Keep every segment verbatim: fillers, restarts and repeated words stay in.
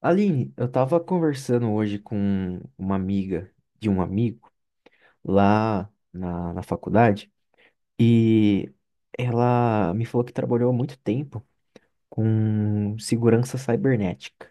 Aline, eu tava conversando hoje com uma amiga de um amigo lá na, na faculdade e ela me falou que trabalhou há muito tempo com segurança cibernética,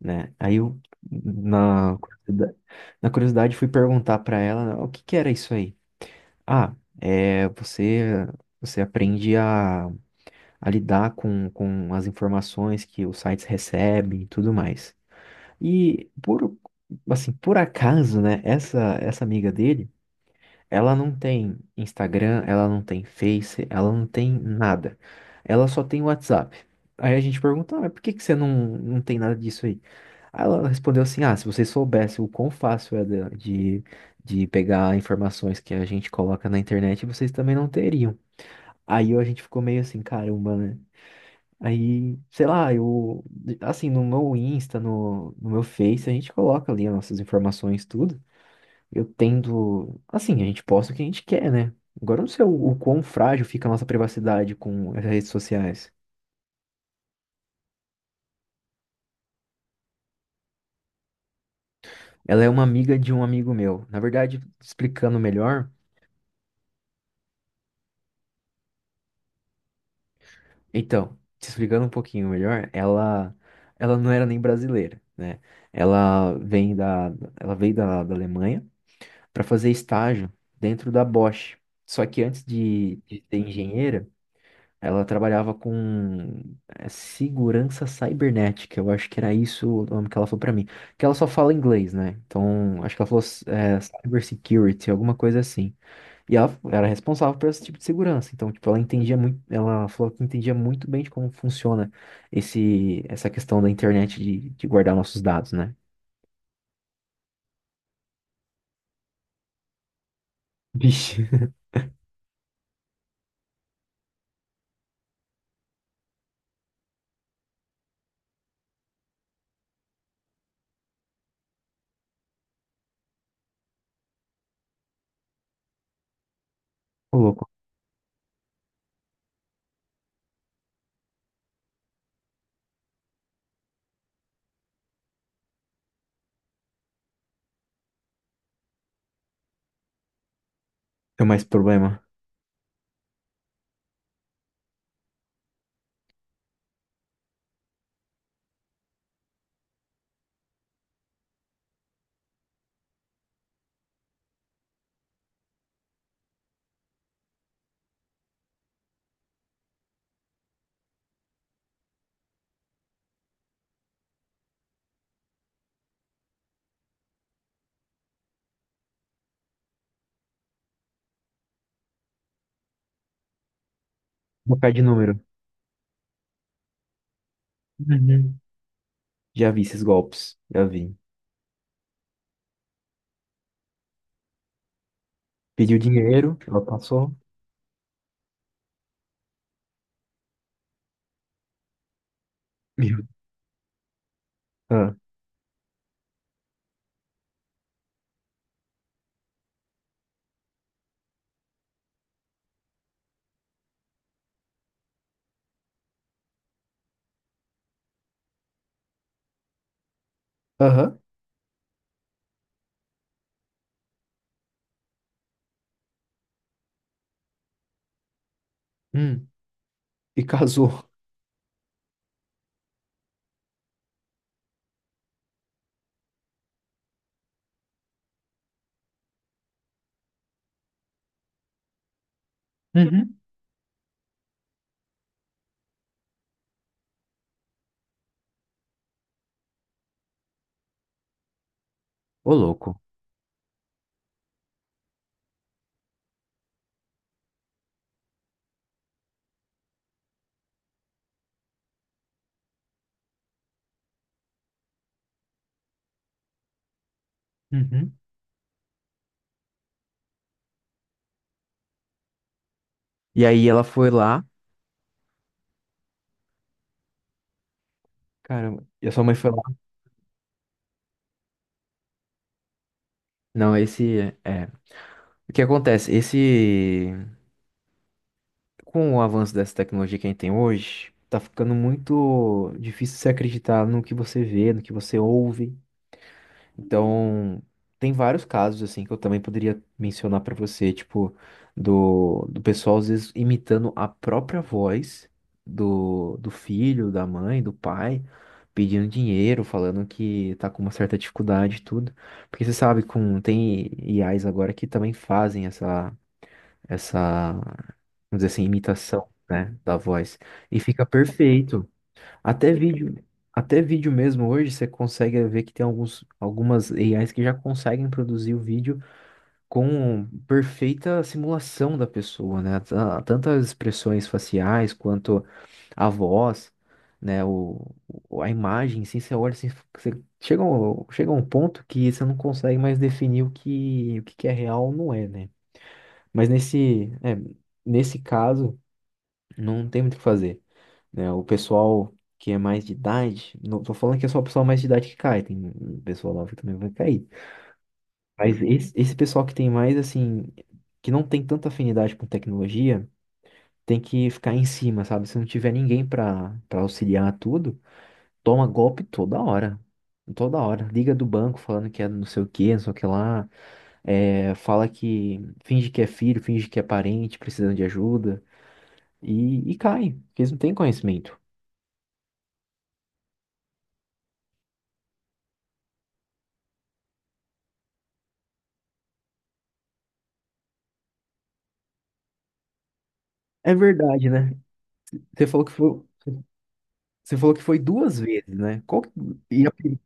né? Aí eu, na, curiosidade- Na curiosidade, fui perguntar pra ela: "Ah, o que que era isso aí. Ah, é, você, você aprende a, a lidar com, com as informações que os sites recebem e tudo mais. E por, assim, por acaso, né, essa essa amiga dele, ela não tem Instagram, ela não tem Face, ela não tem nada. Ela só tem WhatsApp. Aí a gente pergunta, ah, mas por que que você não, não tem nada disso aí? Aí ela respondeu assim, ah, se vocês soubessem o quão fácil é de, de de pegar informações que a gente coloca na internet, vocês também não teriam. Aí a gente ficou meio assim, caramba, né? Aí, sei lá, eu, assim, No meu Insta, no, no meu Face, a gente coloca ali as nossas informações, tudo. Eu tendo, assim, a gente posta o que a gente quer, né? Agora eu não sei o, o quão frágil fica a nossa privacidade com as redes sociais. Ela é uma amiga de um amigo meu. Na verdade, explicando melhor, então, te explicando um pouquinho melhor, ela, ela não era nem brasileira, né? Ela vem da, Ela veio da, da Alemanha para fazer estágio dentro da Bosch. Só que antes de, de ser engenheira, ela trabalhava com eh, segurança cibernética. Eu acho que era isso o nome que ela falou para mim. Que ela só fala inglês, né? Então, acho que ela falou é, cyber security, alguma coisa assim. E ela era responsável por esse tipo de segurança. Então, tipo, ela entendia muito, ela falou que entendia muito bem de como funciona esse, essa questão da internet de, de guardar nossos dados, né? Vixe, ô louco, tem mais problema. Vou colocar de número. Uhum. Já vi esses golpes, já vi. Pediu dinheiro, ela passou. Mil. Ah. Aham. Hum. E casou. Uhum. Ô, louco. Uhum. E aí ela foi lá. Caramba. E a sua mãe foi lá. Não, esse é. É. o que acontece? Esse. Com o avanço dessa tecnologia que a gente tem hoje, tá ficando muito difícil você acreditar no que você vê, no que você ouve. Então, tem vários casos assim que eu também poderia mencionar pra você, tipo, do, do pessoal às vezes imitando a própria voz do, do filho, da mãe, do pai, pedindo dinheiro, falando que tá com uma certa dificuldade e tudo. Porque você sabe, com, tem I As agora que também fazem essa, essa, vamos dizer assim, imitação, né, da voz. E fica perfeito. Até vídeo, até vídeo mesmo hoje você consegue ver que tem alguns, algumas A Is que já conseguem produzir o vídeo com perfeita simulação da pessoa, né? Tan- Tanto as expressões faciais quanto a voz, né? O, o- a imagem, assim, você olha, assim, você chega, um- chega a um ponto que você não consegue mais definir o que, o que que é real ou não é, né? Mas nesse, é, Nesse caso, não tem muito o que fazer, né? O pessoal que é mais de idade, não tô falando que é só o pessoal mais de idade que cai, tem um pessoal nova que também vai cair. Mas esse, esse pessoal que tem mais, assim, que não tem tanta afinidade com tecnologia, tem que ficar em cima, sabe? Se não tiver ninguém pra, pra auxiliar tudo, toma golpe toda hora. Toda hora. Liga do banco falando que é não sei o que, não sei o que lá. É, fala que finge que é filho, finge que é parente, precisando de ajuda. E, e cai, porque eles não têm conhecimento. É verdade, né? Você falou que foi. Você falou que foi duas vezes, né? Qual que... E a primeira,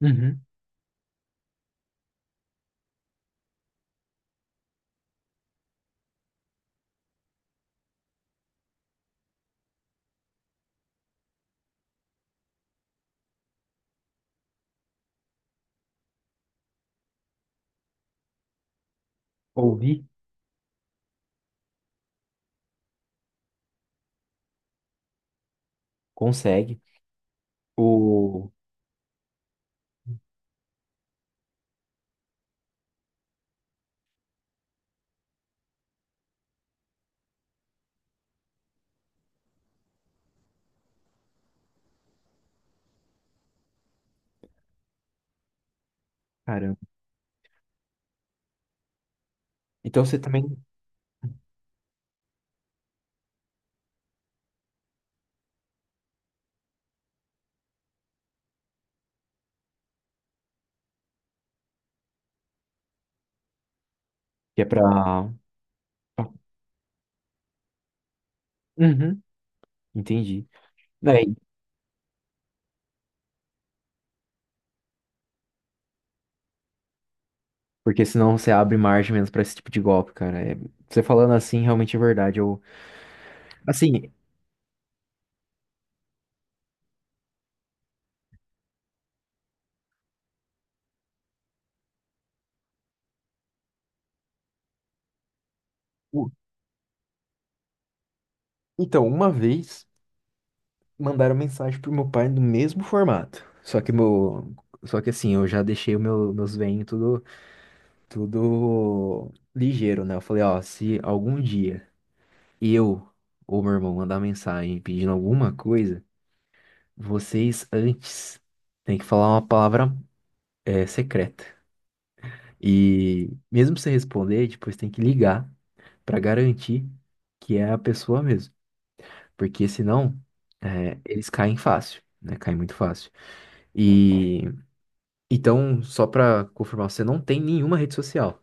uhum. Ouvir? Consegue. O... Caramba. Então você também que é pra... Pra- uhum. Entendi. É, porque senão você abre margem menos pra esse tipo de golpe, cara. É, você falando assim, realmente é verdade. Eu, assim, o- então, uma vez mandaram mensagem pro meu pai no mesmo formato. Só que meu, só que assim, eu já deixei o meu, meus venhos tudo, tudo ligeiro, né? Eu falei, ó, se algum dia e eu ou meu irmão mandar mensagem pedindo alguma coisa, vocês antes têm que falar uma palavra, é, secreta. E mesmo você responder, depois tem que ligar pra garantir que é a pessoa mesmo. Porque senão é, eles caem fácil, né? Caem muito fácil. E então, só pra confirmar, você não tem nenhuma rede social.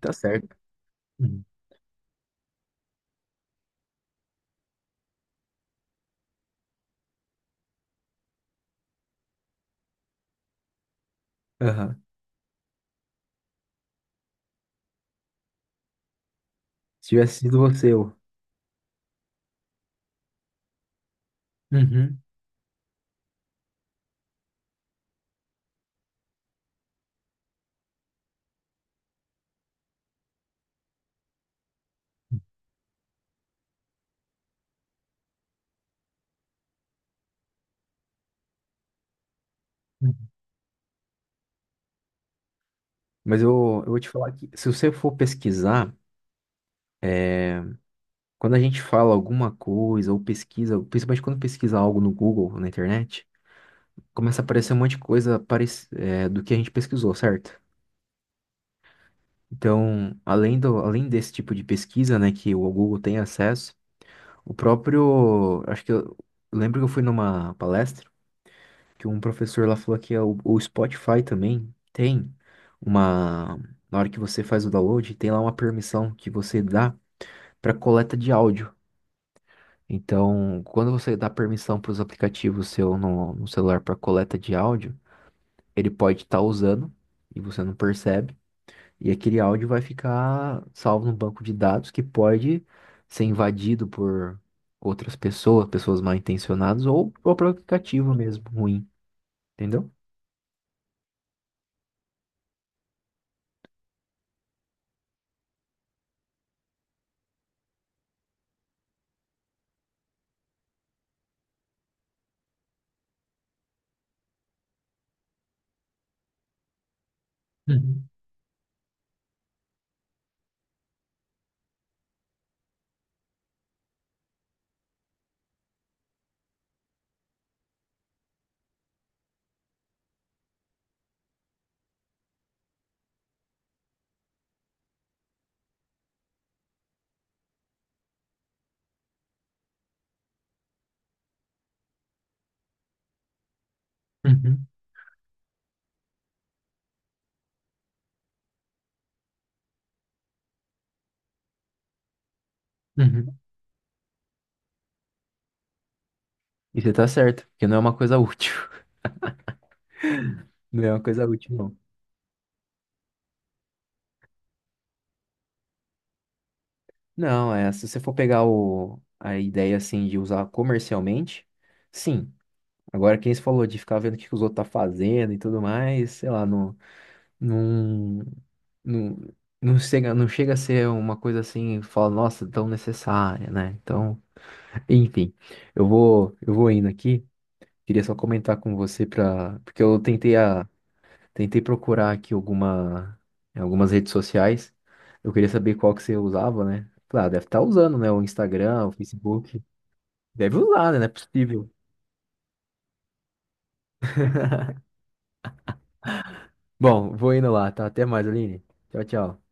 Tá certo. Uhum. Aham. Se tivesse sido você, eu. Uhum. Mas eu, eu vou te falar que se você for pesquisar, quando a gente fala alguma coisa ou pesquisa, principalmente quando pesquisa algo no Google, na internet, começa a aparecer um monte de coisa parec- é, do que a gente pesquisou, certo? Então, além do, além desse tipo de pesquisa, né, que o Google tem acesso, o próprio, acho que eu lembro que eu fui numa palestra que um professor lá falou que é o, o Spotify também tem uma, na hora que você faz o download, tem lá uma permissão que você dá para coleta de áudio. Então, quando você dá permissão para os aplicativos seu no, no celular para coleta de áudio, ele pode estar usando e você não percebe, e aquele áudio vai ficar salvo no banco de dados que pode ser invadido por outras pessoas, pessoas mal intencionadas ou o próprio aplicativo mesmo ruim, entendeu? Uhum, uhum, uhum. E você tá certo, porque não é uma coisa útil. Não é uma coisa útil, não. Não, é, se você for pegar o, a ideia assim de usar comercialmente, sim. Agora, quem se falou de ficar vendo o que que os outros tá fazendo e tudo mais, sei lá, não, não, não, não chega, não chega a ser uma coisa assim, fala, nossa, tão necessária, né? Então, enfim, eu vou, eu vou indo aqui. Queria só comentar com você para, porque eu tentei a tentei procurar aqui alguma, em algumas redes sociais. Eu queria saber qual que você usava, né? Claro, deve estar usando, né? O Instagram, o Facebook. Deve usar, né? Não é possível. Bom, vou indo lá, tá? Até mais, Aline. Tchau, tchau.